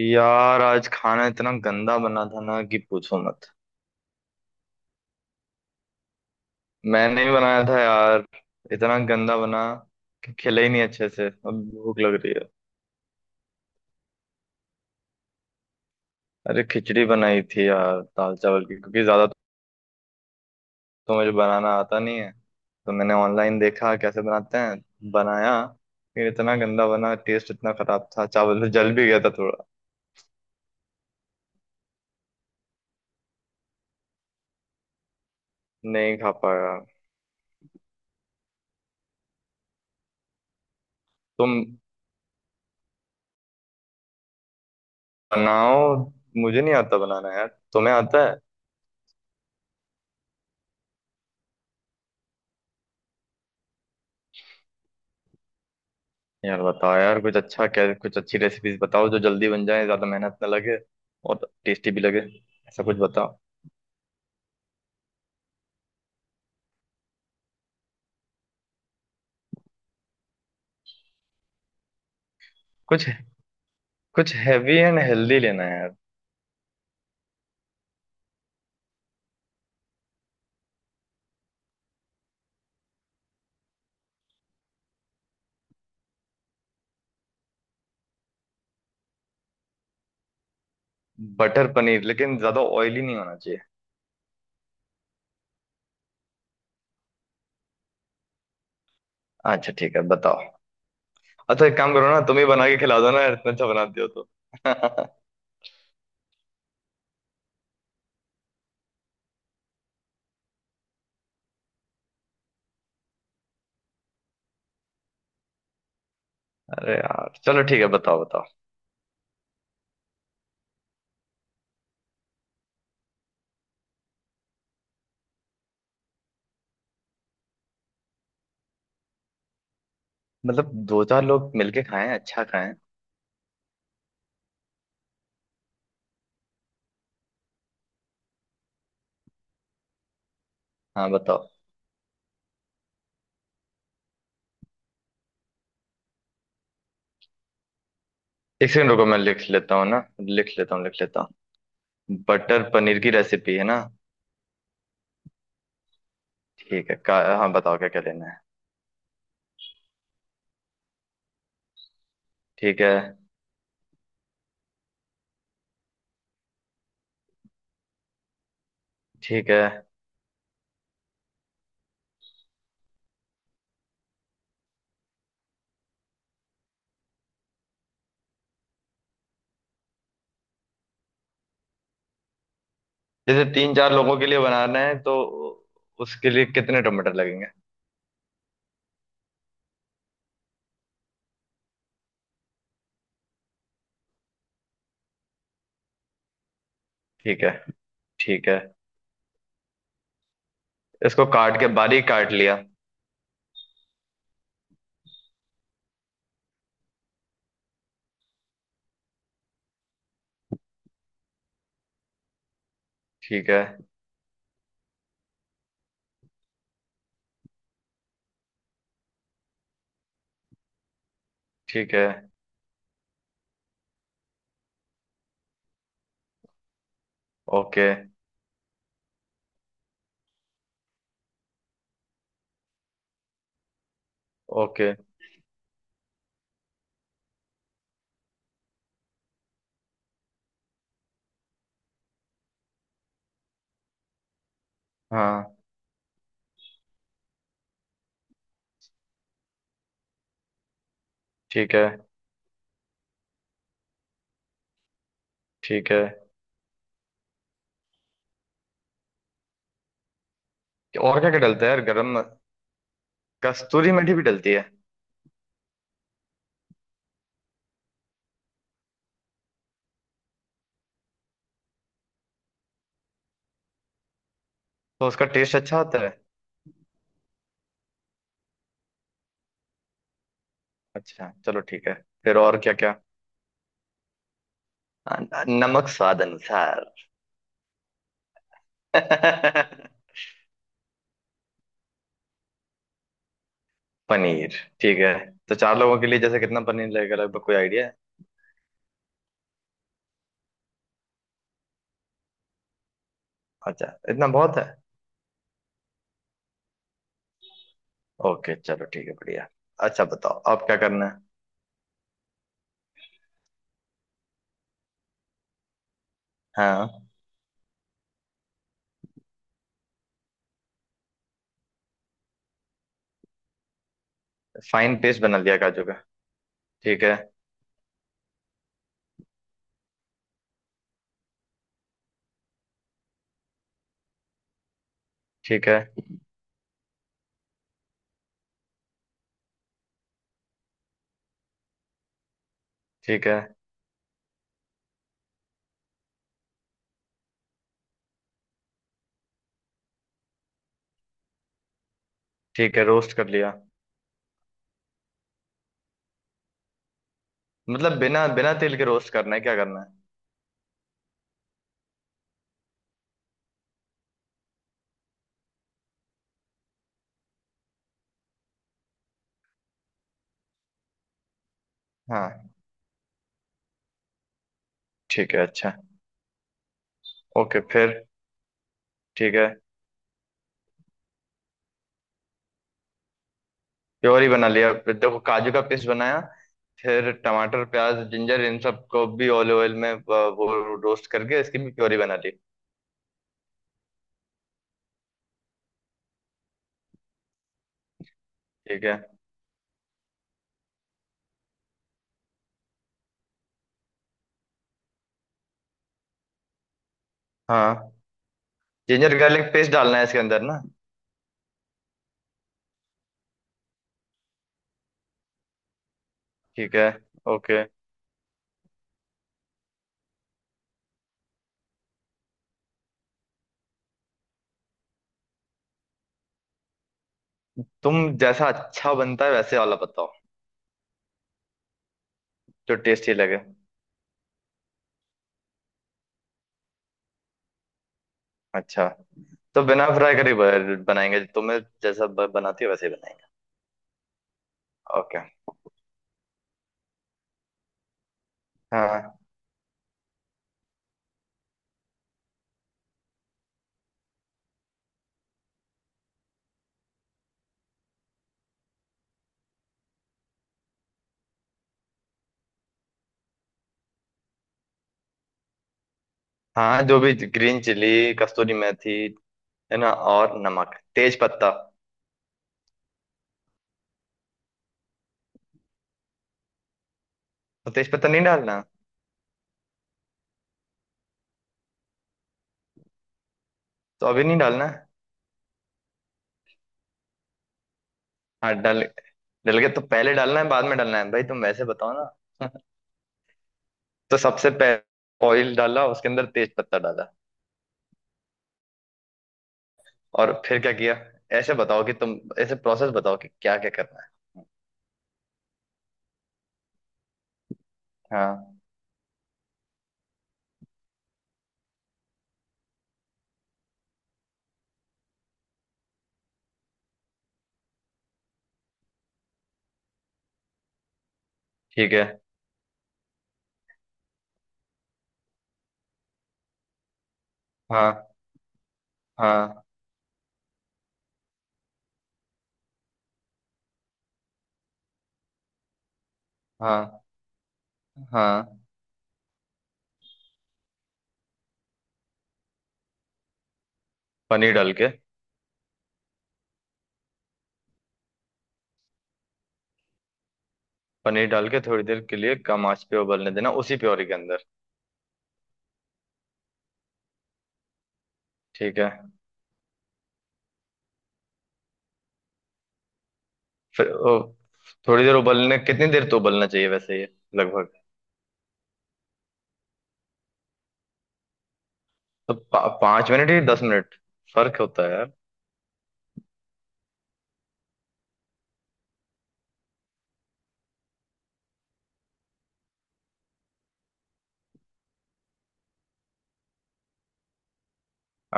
यार आज खाना इतना गंदा बना था ना कि पूछो मत। मैंने ही बनाया था यार। इतना गंदा बना कि खिला ही नहीं अच्छे से। अब भूख लग रही है। अरे खिचड़ी बनाई थी यार दाल चावल की, क्योंकि ज्यादा तो मुझे बनाना आता नहीं है। तो मैंने ऑनलाइन देखा कैसे बनाते हैं, बनाया। फिर इतना गंदा बना, टेस्ट इतना खराब था, चावल तो जल भी गया था थोड़ा। नहीं खा पाया। तुम बनाओ। मुझे नहीं आता बनाना यार। तुम्हें आता है। यार बताओ यार, कुछ अच्छा क्या, कुछ अच्छी रेसिपीज बताओ जो जल्दी बन जाए, ज्यादा मेहनत ना लगे और टेस्टी भी लगे। ऐसा कुछ बताओ। कुछ कुछ हैवी एंड हेल्दी लेना है यार। बटर पनीर, लेकिन ज्यादा ऑयली नहीं होना चाहिए। अच्छा ठीक है, बताओ। अच्छा, एक काम करो ना, तुम ही बना के खिला दो ना यार, इतना अच्छा बनाती हो तो। अरे यार चलो ठीक है, बताओ बताओ। मतलब दो चार लोग मिलके खाएं, अच्छा खाएं। हाँ बताओ। एक सेकंड रुको, मैं लिख लेता हूँ ना, लिख लेता हूँ बटर पनीर की रेसिपी है ना। ठीक है। हाँ बताओ क्या क्या लेना है। ठीक है ठीक है। जैसे तीन चार लोगों के लिए बनाना है तो उसके लिए कितने टमाटर लगेंगे? ठीक है ठीक है। इसको काट के बारीक काट लिया। ठीक है ठीक है। ओके। ओके। हाँ। ठीक है ठीक है। और क्या क्या डलता है यार गरम? कस्तूरी मेथी भी डलती है? तो उसका टेस्ट अच्छा आता है? अच्छा चलो ठीक है। फिर और क्या क्या? नमक स्वाद अनुसार। पनीर। ठीक है। तो चार लोगों के लिए जैसे कितना पनीर लगेगा लगभग, कोई आइडिया है? अच्छा, इतना बहुत है। ओके चलो ठीक है, बढ़िया। अच्छा बताओ अब क्या करना है। हाँ। फाइन पेस्ट बना लिया काजू का। ठीक है ठीक है। ठीक है ठीक है। रोस्ट कर लिया। मतलब बिना बिना तेल के रोस्ट करना है क्या करना है? हाँ ठीक है अच्छा। ओके फिर? ठीक है। प्योरी बना लिया, फिर देखो काजू का पेस्ट बनाया। फिर टमाटर प्याज जिंजर इन सबको भी ऑलिव ऑयल में वो रोस्ट करके इसकी भी प्योरी बना ली। ठीक है। हाँ जिंजर गार्लिक पेस्ट डालना है इसके अंदर ना? ठीक है। ओके। तुम जैसा अच्छा बनता है वैसे वाला बताओ। जो टेस्टी लगे। अच्छा। तो बिना फ्राई करे बनाएंगे, तुम्हें जैसा बनाती हो वैसे ही बनाएंगे। ओके। हाँ हाँ, जो भी ग्रीन चिली कस्तूरी मेथी है ना, और नमक तेज पत्ता। तो तेज पत्ता नहीं डालना? तो अभी नहीं डालना है? हाँ, डाल डल गया तो पहले डालना है बाद में डालना है भाई, तुम वैसे बताओ ना। तो सबसे पहले ऑयल डाला, उसके अंदर तेज पत्ता डाला। और फिर क्या किया? ऐसे बताओ कि तुम ऐसे प्रोसेस बताओ कि क्या क्या करना है। हाँ। ठीक है। हाँ हाँ। हाँ हाँ। पनीर डाल के। पनीर डाल के थोड़ी देर के लिए कम आंच पे उबलने देना, उसी प्योरी के अंदर। ठीक है। फिर थोड़ी देर उबलने कितनी देर तो उबलना चाहिए वैसे ये, लगभग? तो 5 मिनट या 10 मिनट, फर्क होता है यार।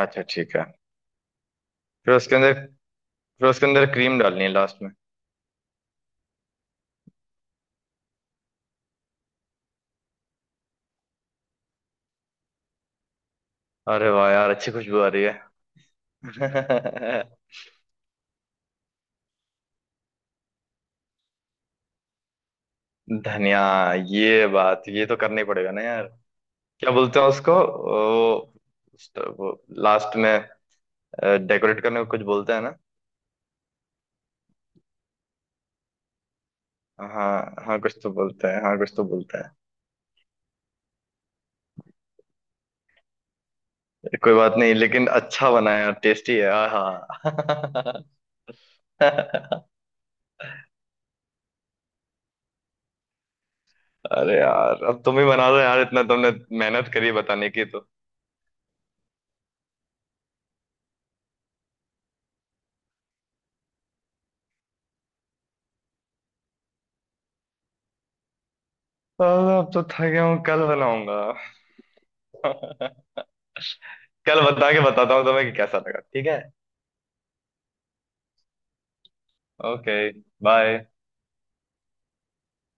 अच्छा ठीक है। फिर उसके अंदर फिर उसके अंदर क्रीम डालनी है लास्ट में? अरे वाह यार, अच्छी खुशबू आ रही है। धनिया। ये बात, ये तो करना ही पड़ेगा ना यार। क्या बोलते हैं उसको, ओ, लास्ट में डेकोरेट करने को कुछ बोलते हैं ना। हाँ हाँ कुछ तो बोलते हैं, हाँ कुछ तो बोलते हैं। कोई बात नहीं, लेकिन अच्छा बना है यार, टेस्टी है हाँ। अरे यार अब तुम ही बना दो यार, इतना तुमने मेहनत करी बताने की तो। अरे, अब तो थक गया हूँ, कल बनाऊंगा। कल बता के बताता हूँ तुम्हें कि कैसा लगा, ठीक है? ओके। बाय।